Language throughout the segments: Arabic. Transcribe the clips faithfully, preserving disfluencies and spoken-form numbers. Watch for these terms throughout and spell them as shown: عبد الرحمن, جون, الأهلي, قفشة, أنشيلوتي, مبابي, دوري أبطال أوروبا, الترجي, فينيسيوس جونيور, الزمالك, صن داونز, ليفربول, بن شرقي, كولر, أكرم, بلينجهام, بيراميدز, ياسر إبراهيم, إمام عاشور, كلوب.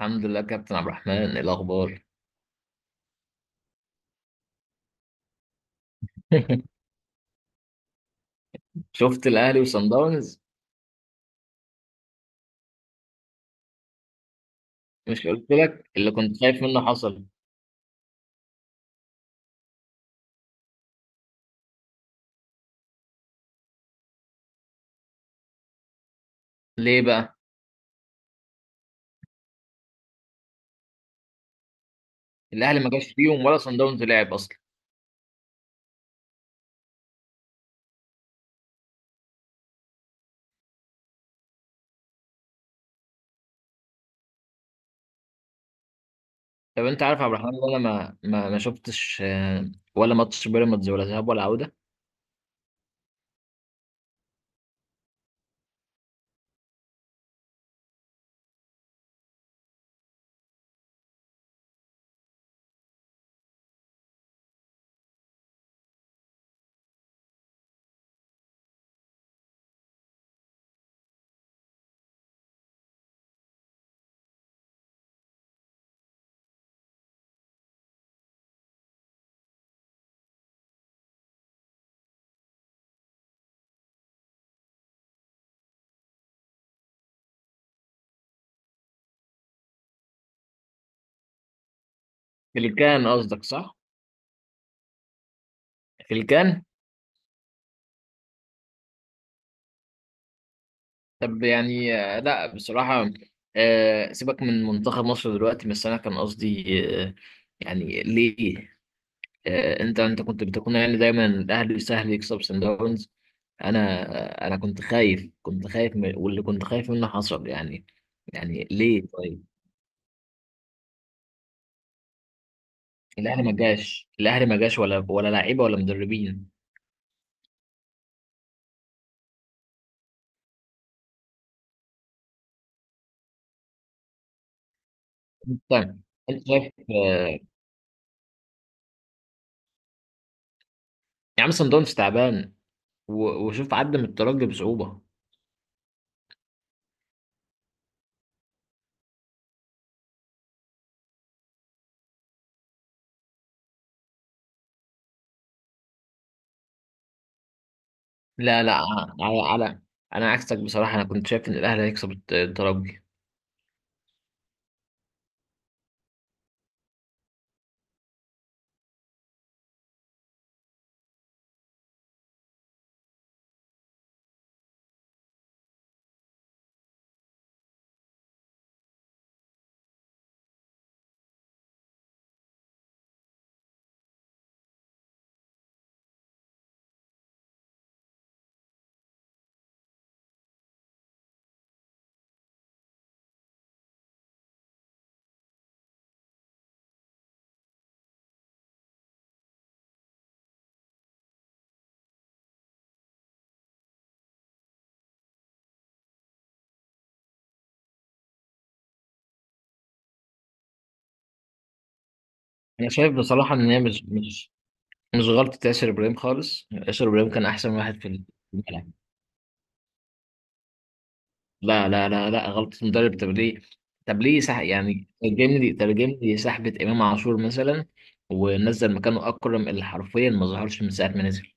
الحمد لله، كابتن عبد الرحمن. إيه الاخبار؟ شفت الاهلي وصن داونز؟ مش قلت لك اللي كنت خايف منه حصل؟ ليه بقى؟ الاهلي ما جاش فيهم ولا صن داونز لعب اصلا. طب انت عارف يا عبد الرحمن إن انا ما ما, ما شفتش آه، ولا ماتش بيراميدز ولا ذهاب ولا عوده. في الكان قصدك، صح؟ في الكان. طب يعني، آه، لا بصراحه. آه، سيبك من منتخب مصر دلوقتي، بس انا كان قصدي آه، يعني ليه؟ آه، انت انت كنت بتكون يعني دايما الاهلي سهل يكسب سان داونز. انا... آه، انا كنت خايف، كنت خايف من واللي كنت خايف منه حصل يعني. يعني ليه طيب؟ الاهلي ما جاش، الاهلي ما جاش، ولا ولا لعيبه ولا مدربين. انت انت شايف آه، يا عم، سان داونز تعبان. و- وشوف عدى من الترجي بصعوبه. لا، لا. على على انا عكسك بصراحه. انا كنت شايف ان الاهلي هيكسب الت- الترجي. انا شايف بصراحه ان هي مش مش مش غلطه ياسر ابراهيم خالص. ياسر ابراهيم كان احسن واحد في الملعب. لا، لا، لا، لا غلطة مدرب. طب ليه؟ طب ليه سح يعني، ترجم لي ترجم لي سحبة إمام عاشور مثلا، ونزل مكانه أكرم اللي حرفيا ما ظهرش من ساعة ما نزل.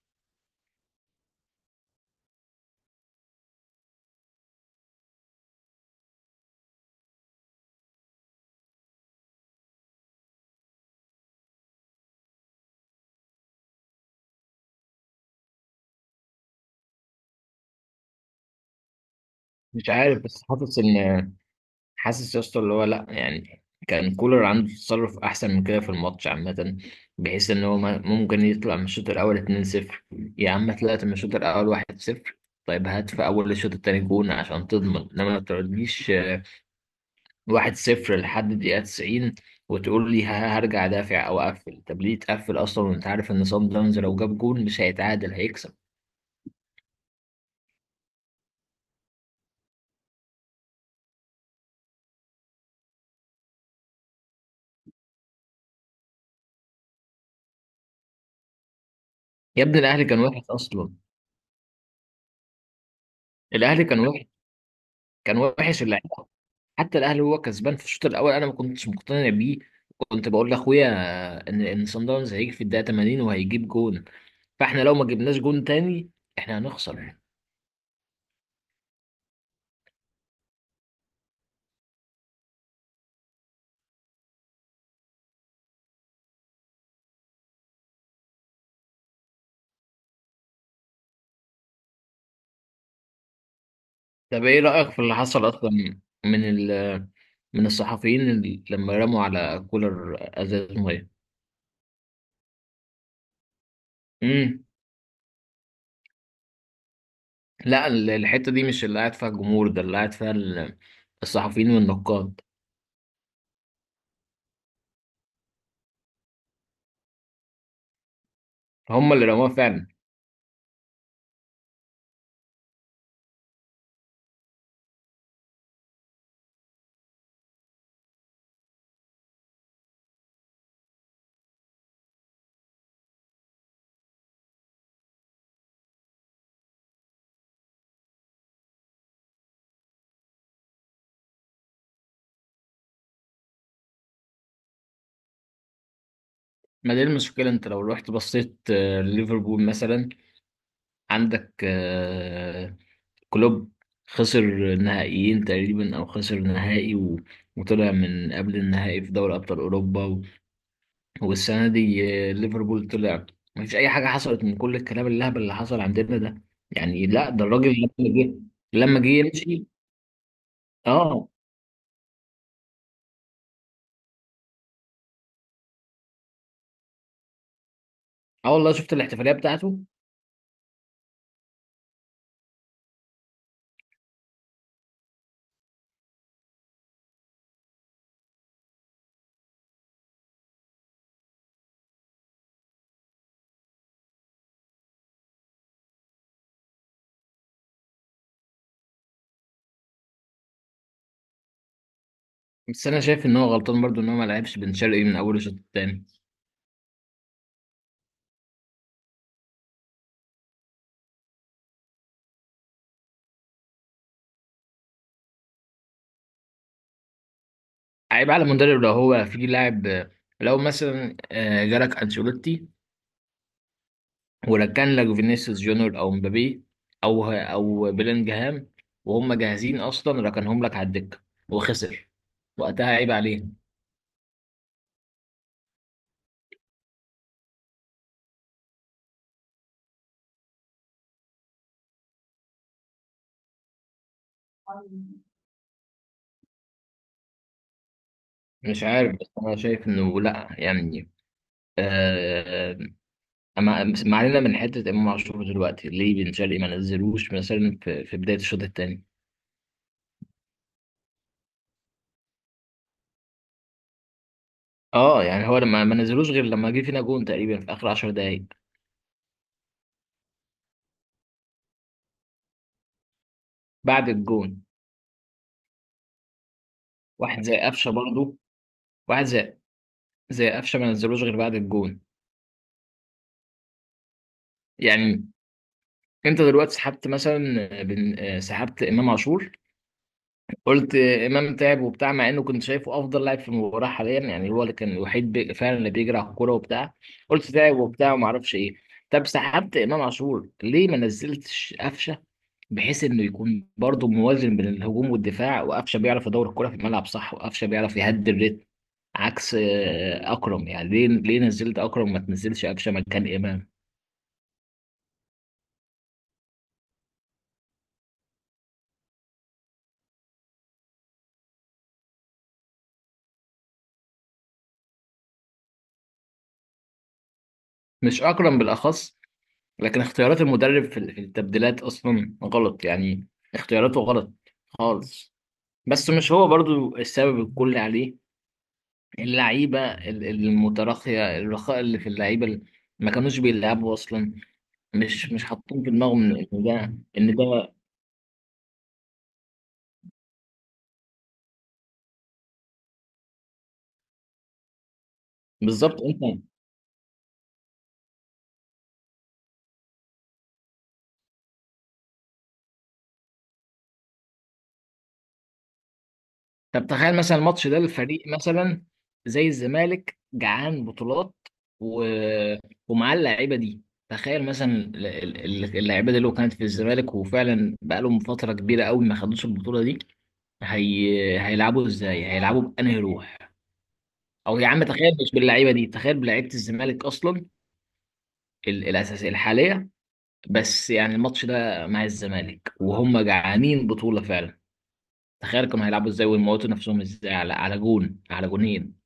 مش عارف، بس حاسس إن حاسس يا اسطى، اللي هو لا يعني، كان كولر عنده تصرف أحسن من كده في الماتش عامة، بحيث إن هو ما- ممكن يطلع من الشوط الأول اتنين صفر. يا عم، طلعت من الشوط الأول واحد صفر. طيب هات في أول الشوط التاني جون عشان تضمن إنما ما تقعدليش واحد صفر لحد الدقيقة تسعين، وتقول لي ه- هرجع دافع أو أقفل. طب ليه تقفل أصلا وأنت عارف إن صن داونز لو جاب جول مش هيتعادل، هيكسب؟ يا ابني، الأهلي كان وحش أصلا. الأهلي كان وحش. كان وحش اللعيبة. حتى الأهلي هو كسبان في الشوط الأول، أنا ما كنتش مقتنع بيه. كنت بقول لأخويا إن إن صن داونز هيجي في الدقيقة تمانين وهيجيب جون. فإحنا لو ما جبناش جون تاني، إحنا هنخسر. طب إيه رأيك في اللي حصل أصلا؟ من ال من الصحفيين اللي لما رموا على كولر ازاز ميه؟ امم. لا، ال- الحته دي مش اللي قاعد فيها الجمهور، ده اللي قاعد فيها ال- الصحفيين والنقاد. هم اللي رموها فعلا. ما دي المشكله، انت لو رحت بصيت آه، ليفربول مثلا، عندك آه، كلوب. خسر نهائيين تقريبا او خسر نهائي، و- وطلع من قبل النهائي في دوري ابطال اوروبا، و- والسنه دي آه، ليفربول طلع. ما فيش اي حاجه حصلت من كل الكلام اللهبل اللي حصل عندنا ده. يعني لا، ده الراجل لما جه لما جه يمشي. اه. اه والله، شفت الاحتفاليه بتاعته. بس انا شايف ان هو غلطان برضو ان هو ما لعبش بن شرقي من اول الشوط التاني. عيب على المدرب لو هو في لاعب. لو مثلا آه، جالك انشيلوتي وركن لك فينيسيوس جونيور او مبابي، او او بلينجهام، وهم جاهزين اصلا ركنهم لك على الدكه وخسر، وقتها عيب عليه. مش عارف، بس انا شايف انه لا يعني، آه ما ما علينا من حته امام عاشور دلوقتي. ليه بن شرقي ما نزلوش مثلا في في بدايه الشوط الثاني؟ اه يعني هو لما ما نزلوش غير لما جه فينا جون تقريبا في اخر عشر دقايق بعد الجون. واحد زي قفشه برضه. واحد زي، زي قفشه، ما نزلوش غير بعد الجون. يعني، انت دلوقتي سحبت مثلا بن... آه، سحبت امام عاشور. قلت امام تعب وبتاع، مع انه كنت شايفه افضل لاعب في المباراه حاليا يعني. هو اللي كان الوحيد بي... فعلا اللي بيجري على الكوره وبتاع. قلت تعب وبتاع وما اعرفش ايه. طب سحبت امام عاشور، ليه ما نزلتش قفشه بحيث انه يكون برضه موازن بين الهجوم والدفاع؟ وقفشه بيعرف يدور الكوره في الملعب صح، وقفشه بيعرف يهدي الريتم، عكس آه، اكرم. يعني ليه ليه نزلت اكرم، ما تنزلش قفشه مكان امام؟ مش اكرم بالاخص، لكن اختيارات المدرب في ال- في التبديلات اصلا غلط يعني. اختياراته غلط خالص. بس مش هو برضو السبب الكلي عليه. اللعيبه ال- ال- المتراخيه، الرخاء اللي في اللعيبه اللي ما كانوش بيلعبوا اصلا. مش مش حاطين في دماغهم ان إن ده ان ده. بالظبط، انت. طب تخيل مثلا الماتش ده، الفريق مثلا زي الزمالك جعان بطولات، و... ومعاه اللعيبه دي. تخيل مثلا ال- ال- اللعيبه دي لو كانت في الزمالك، وفعلا بقالهم فتره كبيره قوي ما خدوش البطوله دي، هي... هيلعبوا ازاي؟ هيلعبوا بأنهي روح؟ او يا عم تخيل، مش باللعيبه دي، تخيل بلعيبه الزمالك اصلا ال... الاساسيه الحاليه، بس يعني الماتش ده مع الزمالك وهم جعانين بطوله فعلا. تخيل كانوا هيلعبوا ازاي ويموتوا نفسهم ازاي على على جون، على جونين.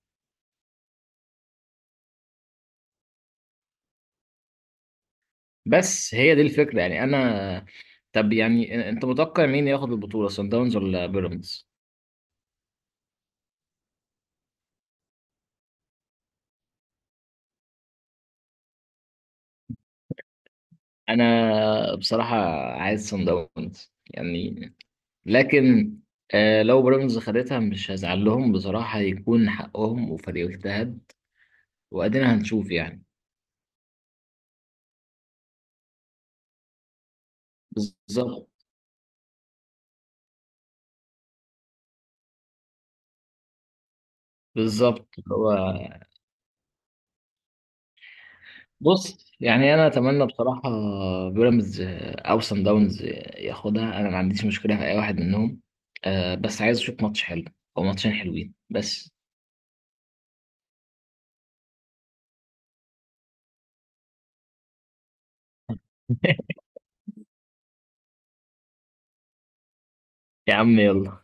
بس هي دي الفكرة يعني. أنا، طب يعني أنت متوقع مين ياخد البطولة، صن داونز ولا بيراميدز؟ أنا بصراحة عايز صن داونز يعني، لكن آه لو بيراميدز خدتها، مش هزعل لهم بصراحة. هيكون حقهم وفريق اجتهد، وأدينا هنشوف يعني. بالظبط. بالظبط هو. بص يعني انا اتمنى بصراحه بيراميدز او سان داونز ياخدها. انا ما عنديش مشكله في اي واحد منهم. أه بس عايز اشوف ماتش حلو او ماتشين حلوين بس. يا عم يلا.